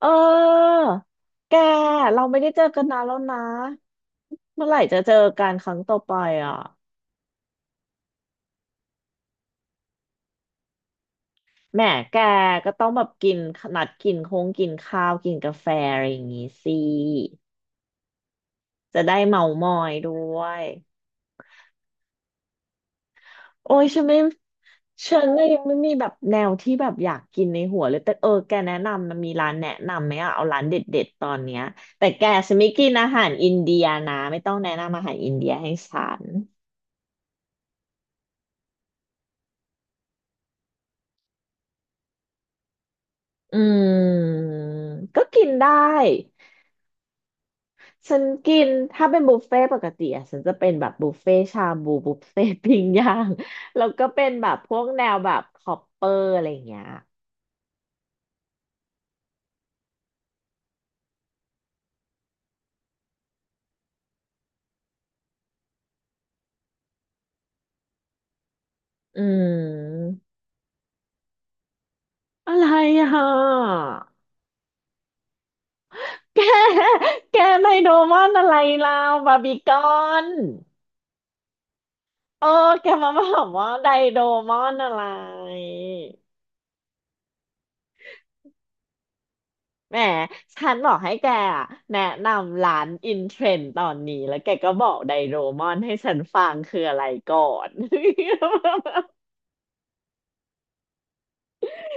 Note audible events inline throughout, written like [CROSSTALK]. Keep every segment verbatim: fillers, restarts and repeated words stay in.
เออแกเราไม่ได้เจอกันนานแล้วนะเมื่อไหร่จะเจอกันครั้งต่อไปอ่ะแหมแกก็ต้องแบบกินนัดกินคงกินข้าวกินกาแฟอะไรอย่างงี้สิจะได้เมามอยด้วยโอ้ยฉันไม่ฉันน่ะยังไม่มีแบบแนวที่แบบอยากกินในหัวเลยแต่เออแกแนะนำมันมีร้านแนะนำไหมอ่ะเอาร้านเด็ดๆตอนเนี้ยแต่แกฉันไม่กินอาหารอินเดียนะไม่ต้องแนะนำอาหารอินเดียให้ฉัน อืมก็กินได้ฉันกินถ้าเป็นบุฟเฟ่ต์ปกติอะฉันจะเป็นแบบบุฟเฟ่ต์ชาบูบุฟเฟ่ต์ปิ้งย่างแล้วก็เป็นแบบพวกแนวแบบคอปเปอร์อะไรอย่างเงี้ยอืมอะไรอ่ะ [LAUGHS] แกแกไดโดมอนอะไรเราบาร์บีคอนเออแกมาบอกว่าไดโดมอนอะไร แหมฉันบอกให้แกอะแนะนำร้านอินเทรนด์ตอนนี้แล้วแกก็บอกไดโรมอนให้ฉันฟังคืออะไรก่อน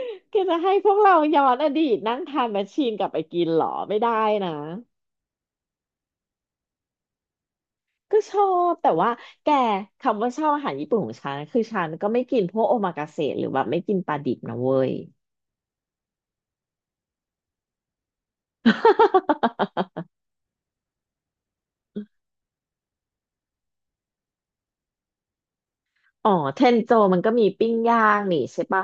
[LAUGHS] แกจะให้พวกเราย้อนอดีตนั่งทานแมชชีนกลับไปกินเหรอไม่ได้นะก็ชอบแต่ว่าแกคำว่าชอบอาหารญี่ปุ่นของฉันคือฉันก็ไม่กินพวกโอมากาเสะหรือแบบไม่กินปลาดิบนะเว้ย [LAUGHS] อ๋อเทนโจมันก็มีปิ้งย่างนี่ใช่ปะ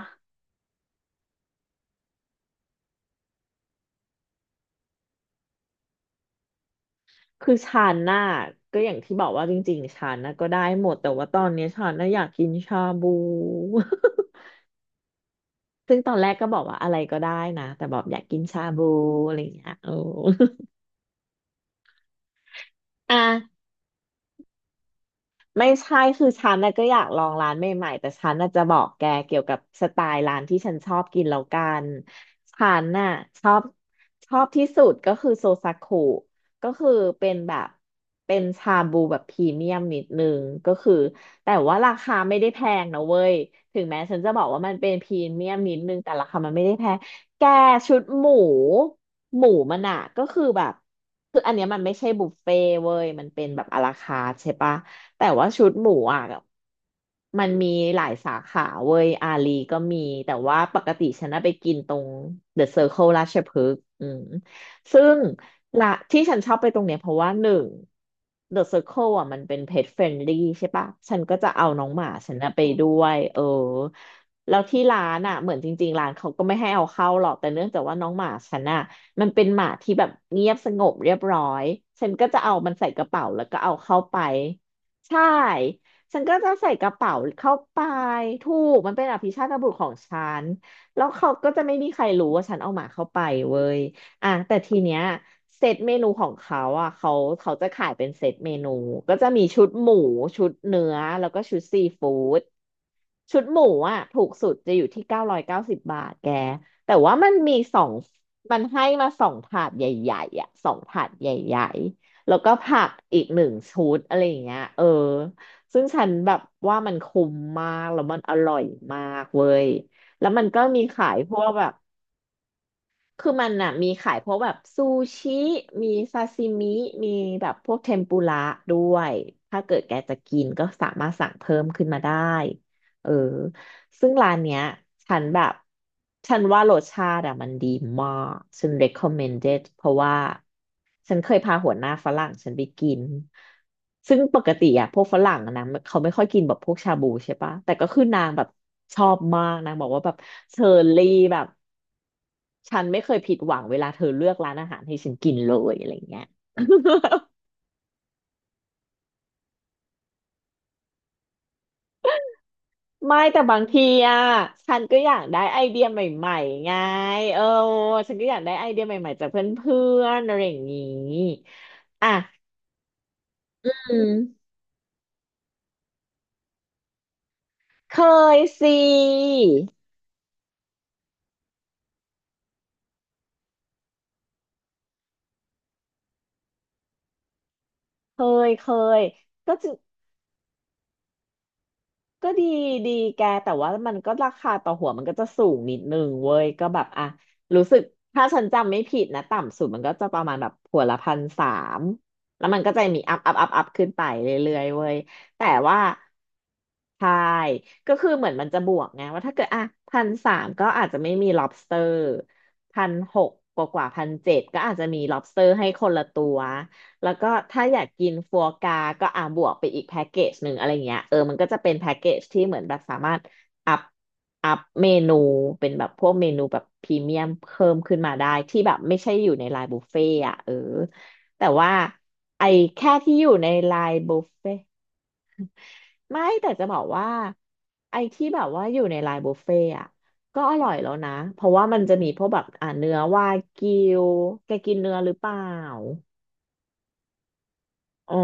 คือชาน่าก็อย่างที่บอกว่าจริงๆชาน่าก็ได้หมดแต่ว่าตอนเนี้ยชาน่าอยากกินชาบู [LAUGHS] ซึ่งตอนแรกก็บอกว่าอะไรก็ได้นะแต่บอกอยากกินชาบูอะไรอย่างเงี้ยโอ้ [LAUGHS] อ่ะ ไม่ใช่คือฉันน่ะก็อยากลองร้านใหม่ๆแต่ฉันน่ะจะบอกแกเกี่ยวกับสไตล์ร้านที่ฉันชอบกินแล้วกันฉันน่ะชอบชอบที่สุดก็คือโซซากุก็คือเป็นแบบเป็นชาบูแบบพรีเมียมนิดนึงก็คือแต่ว่าราคาไม่ได้แพงนะเว้ยถึงแม้ฉันจะบอกว่ามันเป็นพรีเมียมนิดนึงแต่ราคามันไม่ได้แพงแกชุดหมูหมูมันอะก็คือแบบคืออันเนี้ยมันไม่ใช่บุฟเฟ่เว้ยมันเป็นแบบอะลาคาร์ทใช่ปะ แต่ว่าชุดหมูอ่ะมันมีหลายสาขาเว้ยอาลีก็มีแต่ว่าปกติฉันน่ะไปกินตรงเดอะเซอร์เคิลราชพฤกษ์อืมซึ่งละที่ฉันชอบไปตรงเนี้ยเพราะว่าหนึ่งเดอะเซอร์เคิลอ่ะมันเป็น พี อี ที เฟรนด์ลี่ ใช่ปะฉันก็จะเอาน้องหมาฉันน่ะไปด้วยเออแล้วที่ร้านอ่ะเหมือนจริงๆร้านเขาก็ไม่ให้เอาเข้าหรอกแต่เนื่องจากว่าน้องหมาฉันอ่ะมันเป็นหมาที่แบบเงียบสงบเรียบร้อยฉันก็จะเอามันใส่กระเป๋าแล้วก็เอาเข้าไป ใช่ฉันก็จะใส่กระเป๋าเข้าไปถูกมันเป็นอภิชาตบุตรของฉันแล้วเขาก็จะไม่มีใครรู้ว่าฉันเอาหมาเข้าไปเว้ยอ่ะแต่ทีเนี้ยเซตเมนูของเขาอ่ะเขาเขาจะขายเป็นเซตเมนูก็จะมีชุดหมูชุดเนื้อแล้วก็ชุดซีฟู้ดชุดหมูอ่ะถูกสุดจะอยู่ที่เก้าร้อยเก้าสิบบาทแกแต่ว่ามันมีสองมันให้มาสองถาดใหญ่ๆอ่ะสองถาดใหญ่ แล้วก็ผักอีกหนึ่งชุดอะไรอย่างเงี้ยเออซึ่งฉันแบบว่ามันคุ้มมากแล้วมันอร่อยมากเว้ยแล้วมันก็มีขายพวกแบบ คือมันอ่ะมีขายพวกแบบซูชิมีซาซิมิมีแบบพวกเทมปุระด้วยถ้าเกิดแกจะกินก็สามารถสั่งเพิ่มขึ้นมาได้เออซึ่งร้านเนี้ยฉันแบบฉันว่ารสชาติอ่ะมันดีมากฉัน เรคอมเมนด์ เพราะว่าฉันเคยพาหัวหน้าฝรั่งฉันไปกินซึ่งปกติอ่ะพวกฝรั่งอะนะเขาไม่ค่อยกินแบบพวกชาบูใช่ปะแต่ก็คือนางแบบชอบมากนางบอกว่าแบบเชอร์รี่แบบ ฉันไม่เคยผิดหวังเวลาเธอเลือกร้านอาหารให้ฉันกินเลยอะไรเงี้ย [LAUGHS] ไม่แต่บางทีอ่ะฉันก็อยากได้ไอเดียใหม่ๆไงเออฉันก็อยากได้ไอเดียใหม่ๆจากเพื่อนๆอะไรอย่างนี้อ่ะอืมเคยสิเคยเคยก็จ ก็ดีดีแกแต่ว่ามันก็ราคาต่อหัวมันก็จะสูงนิดนึงเว้ยก็แบบอ่ะรู้สึกถ้าฉันจำไม่ผิดนะต่ำสุดมันก็จะประมาณแบบหัวละพันสามแล้วมันก็จะมีอัพอัพอัพอัพขึ้นไปเรื่อยๆเว้ยแต่ว่าใช่ก็คือเหมือนมันจะบวกไงว่าถ้าเกิดอ่ะพันสามก็อาจจะไม่มี lobster พันหกกว่ากว่าพันเจ็ดก็อาจจะมี lobster ให้คนละตัว แล้วก็ถ้าอยากกินฟัวกราก็อ่าบวกไปอีกแพ็กเกจหนึ่งอะไรเงี้ยเออมันก็จะเป็นแพ็กเกจที่เหมือนแบบสามารถอัพอัพเมนูเป็นแบบพวกเมนูแบบพรีเมียมเพิ่มขึ้นมาได้ที่แบบไม่ใช่อยู่ในไลน์บุฟเฟ่ต์อ่ะเออแต่ว่าไอ้แค่ที่อยู่ในไลน์บุฟเฟ่ต์ไม่แต่จะบอกว่าไอ้ที่แบบว่าอยู่ในไลน์บุฟเฟ่ต์อ่ะก็อร่อยแล้วนะเพราะว่ามันจะมีพวกแบบอ่าเนื้อวากิวแกกินเนื้อหรือเปล่า อ๋อ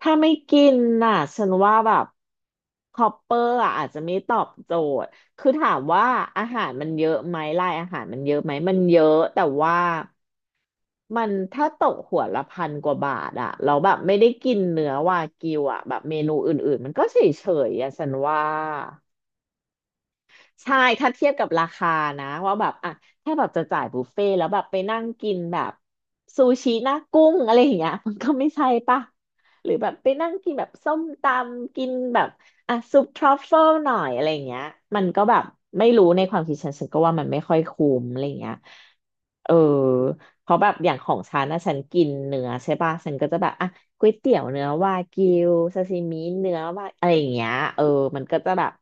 ถ้าไม่กินน่ะฉันว่าแบบคอปเปอร์อะอาจจะไม่ตอบโจทย์ คือถามว่าอาหารมันเยอะไหมรายอาหารมันเยอะไหม มันเยอะแต่ว่ามันถ้าตกหัวละพันกว่าบาทอะเราแล้วแบบไม่ได้กินเนื้อวากิวอะแบบเมนูอื่นๆมันก็เฉยๆอะฉันว่า ใช่ถ้าเทียบกับราคานะว่าแบบอ่ะถ้าแบบจะจ่ายบุฟเฟ่ต์แล้วแบบไปนั่งกินแบบซูชิหน้ากุ้งอะไรอย่างเงี้ยมันก็ไม่ใช่ปะหรือแบบไปนั่งกินแบบส้มตำกินแบบอ่ะซุปทรัฟเฟิลหน่อยอะไรอย่างเงี้ยมันก็แบบไม่รู้ในความคิดฉันฉันก็ว่ามันไม่ค่อยคุ้มอะไรอย่างเงี้ยเออเพราะแบบอย่างของฉันนะฉันกินเนื้อใช่ปะฉันก็จะแบบอ่ะ ก๋วยเตี๋ยวเนื้อวากิวซาซิมิเนื้อวาอะไรอย่างเงี้ยเออมันก็จะแบบ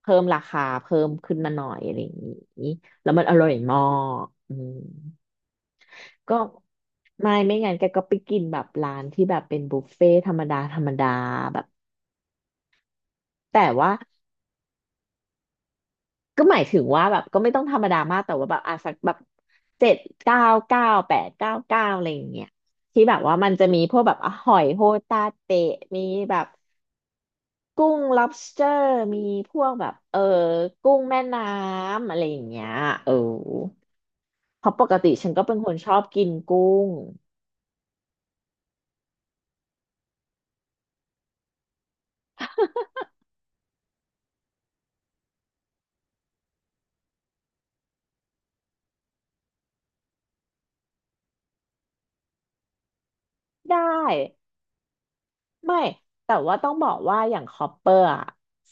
เพิ่มราคาเพิ่มขึ้นมาหน่อยอะไรอย่างงี้แล้วมันอร่อยมากอืมก็ไม่ไม่งั้นแกก็ไปกินแบบร้านที่แบบเป็นบุฟเฟ่ธรรมดาธรรมดาแบบแต่ว่าก็หมายถึงว่าแบบก็ไม่ต้องธรรมดามากแต่ว่าแบบอ่ะสักแบบเจ็ดเก้าเก้าแปดเก้าเก้าอะไรอย่างเงี้ยที่แบบว่ามันจะมีพวกแบบอ่ะหอยโฮตาเตะมีแบบ กุ้ง lobster มีพวกแบบเออ กุ้งแม่น้ำอะไรอย่างเงี้ย เออเพราะปกติฉันก็เป็นคนชอบกินกุ้งได้ไม่แต่ว่าต้องบอกว่าอย่างคอปเปอร์อะ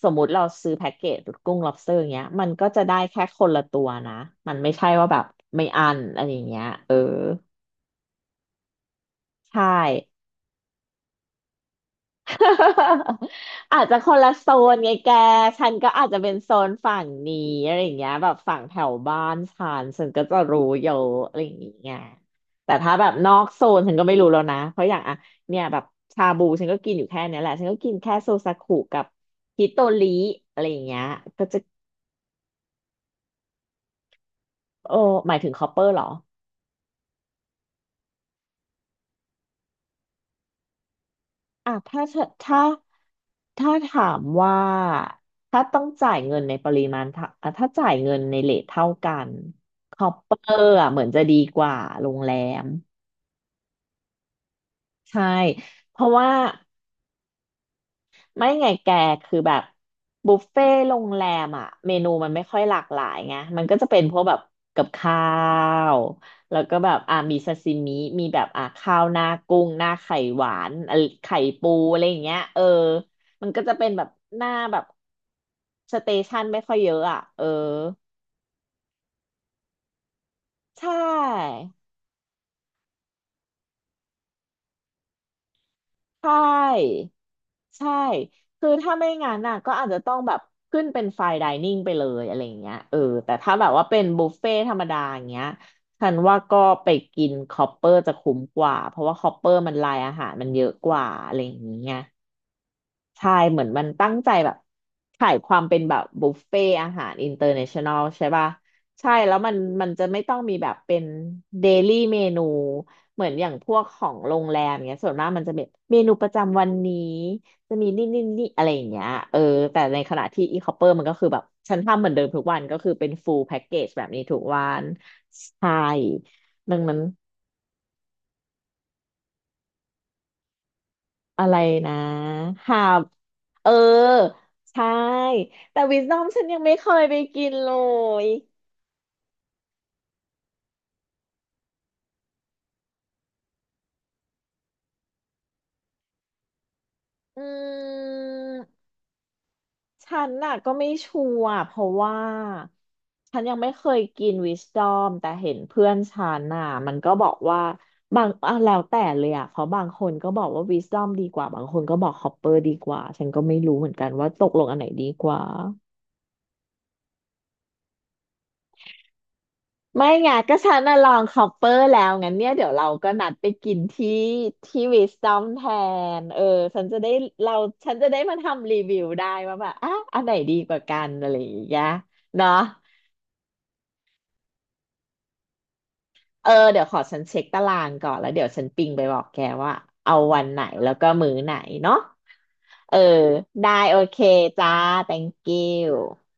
สมมติเราซื้อแพ็กเกจกุ้ง lobster อย่างเงี้ยมันก็จะได้แค่คนละตัวนะมันไม่ใช่ว่าแบบไม่อันอะไรอย่างเงี้ยเออใช่ [LAUGHS] อาจจะคนละโซนไงแก ฉันก็อาจจะเป็นโซนฝั่งนี้อะไรอย่างเงี้ยแบบฝั่งแถวบ้านฉันฉันก็จะรู้เยอะอะไรอย่างเงี้ยแต่ถ้าแบบนอกโซนฉันก็ไม่รู้แล้วนะ เพราะอย่างอะเนี่ยแบบชาบูฉันก็กินอยู่แค่เนี้ยแหละ ฉันก็กินแค่โซซากุกับฮิโตริอะไรอย่างเงี้ยก็จะโอ้หมายถึงคอปเปอร์เหรออ่ะถ้าถ้า ถ้าถามว่าถ้าต้องจ่ายเงินในปริมาณเท่าอ่ะถ้าจ่ายเงินในเรทเท่ากันคอปเปอร์อ่ะเหมือนจะดีกว่าโรงแรมใช่เพราะว่า ไม่ไงแกคือแบบบุฟเฟ่ต์โรงแรมอ่ะเมนูมันไม่ค่อยหลากหลายไงมันก็จะเป็นพวกแบบกับข้าวแล้วก็แบบอ่ามีซาซิมิมีแบบอ่าข้าวหน้ากุ้งหน้าไข่หวานอะไรไข่ปูอะไรอย่างเงี้ยเออมันก็จะเป็นแบบหน้าแบบสเตชันไม่ค่อยเยอะอ่ะเออใช่ ใช่ใช่คือถ้าไม่งั้นน่ะก็อาจจะต้องแบบขึ้นเป็นไฟน์ไดนิ่งไปเลยอะไรอย่างเงี้ยเออแต่ถ้าแบบว่าเป็นบุฟเฟ่ธรรมดาอย่างเงี้ยฉันว่าก็ไปกินคอปเปอร์จะคุ้มกว่าเพราะว่าคอปเปอร์มันรายอาหารมันเยอะกว่าอะไรอย่างเงี้ย ใช่เหมือนมันตั้งใจแบบขายความเป็นแบบบุฟเฟ่อาหารอินเตอร์เนชั่นแนลใช่ป่ะใช่แล้วมันมันจะไม่ต้องมีแบบเป็นเดลี่เมนูเหมือนอย่างพวกของโรงแรมเนี้ยส่วนมากมันจะเป็นเมนูประจำวันนี้จะมีนี่นี่นี่อะไรอย่างเงี้ยเออแต่ในขณะที่อีคอปเปอร์มันก็คือแบบฉันทำเหมือนเดิมทุกวันก็คือเป็นฟูลแพ็กเกจแบบนี้ทุกวันใช่ดังนั้น อะไรนะ หาบ เออ ใช่ แต่วิส ดี อมฉันยังไม่เคยไปกินเลยอืมฉันน่ะก็ไม่ชัวร์เพราะว่าฉันยังไม่เคยกินวิส d อมแต่เห็นเพื่อนฉันน่ะมันก็บอกว่าบางอ่ะแล้วแต่เลยอ่ะเพราะบางคนก็บอกว่าวิส d อมดีกว่าบางคนก็บอกฮอปเปอร์ดีกว่าฉันก็ไม่รู้เหมือนกันว่าตกลงอันไหนดีกว่า ไม่ไงก็ฉันน่ะลองคอปเปอร์แล้วงั้นเนี่ยเดี๋ยวเราก็นัดไปกินที่ที่วิสตอมแทนเออฉันจะได้เราฉันจะได้มาทำรีวิวได้ว่าแบบอ่ะอันไหนดีกว่ากันอะไรอย่างเงี้ยเนาะเออเดี๋ยวขอฉันเช็คตารางก่อนแล้วเดี๋ยวฉันปิงไปบอกแกว่าเอาวันไหนแล้วก็มื้อไหนเนาะเออได้โอเคจ้า แธงก์ยู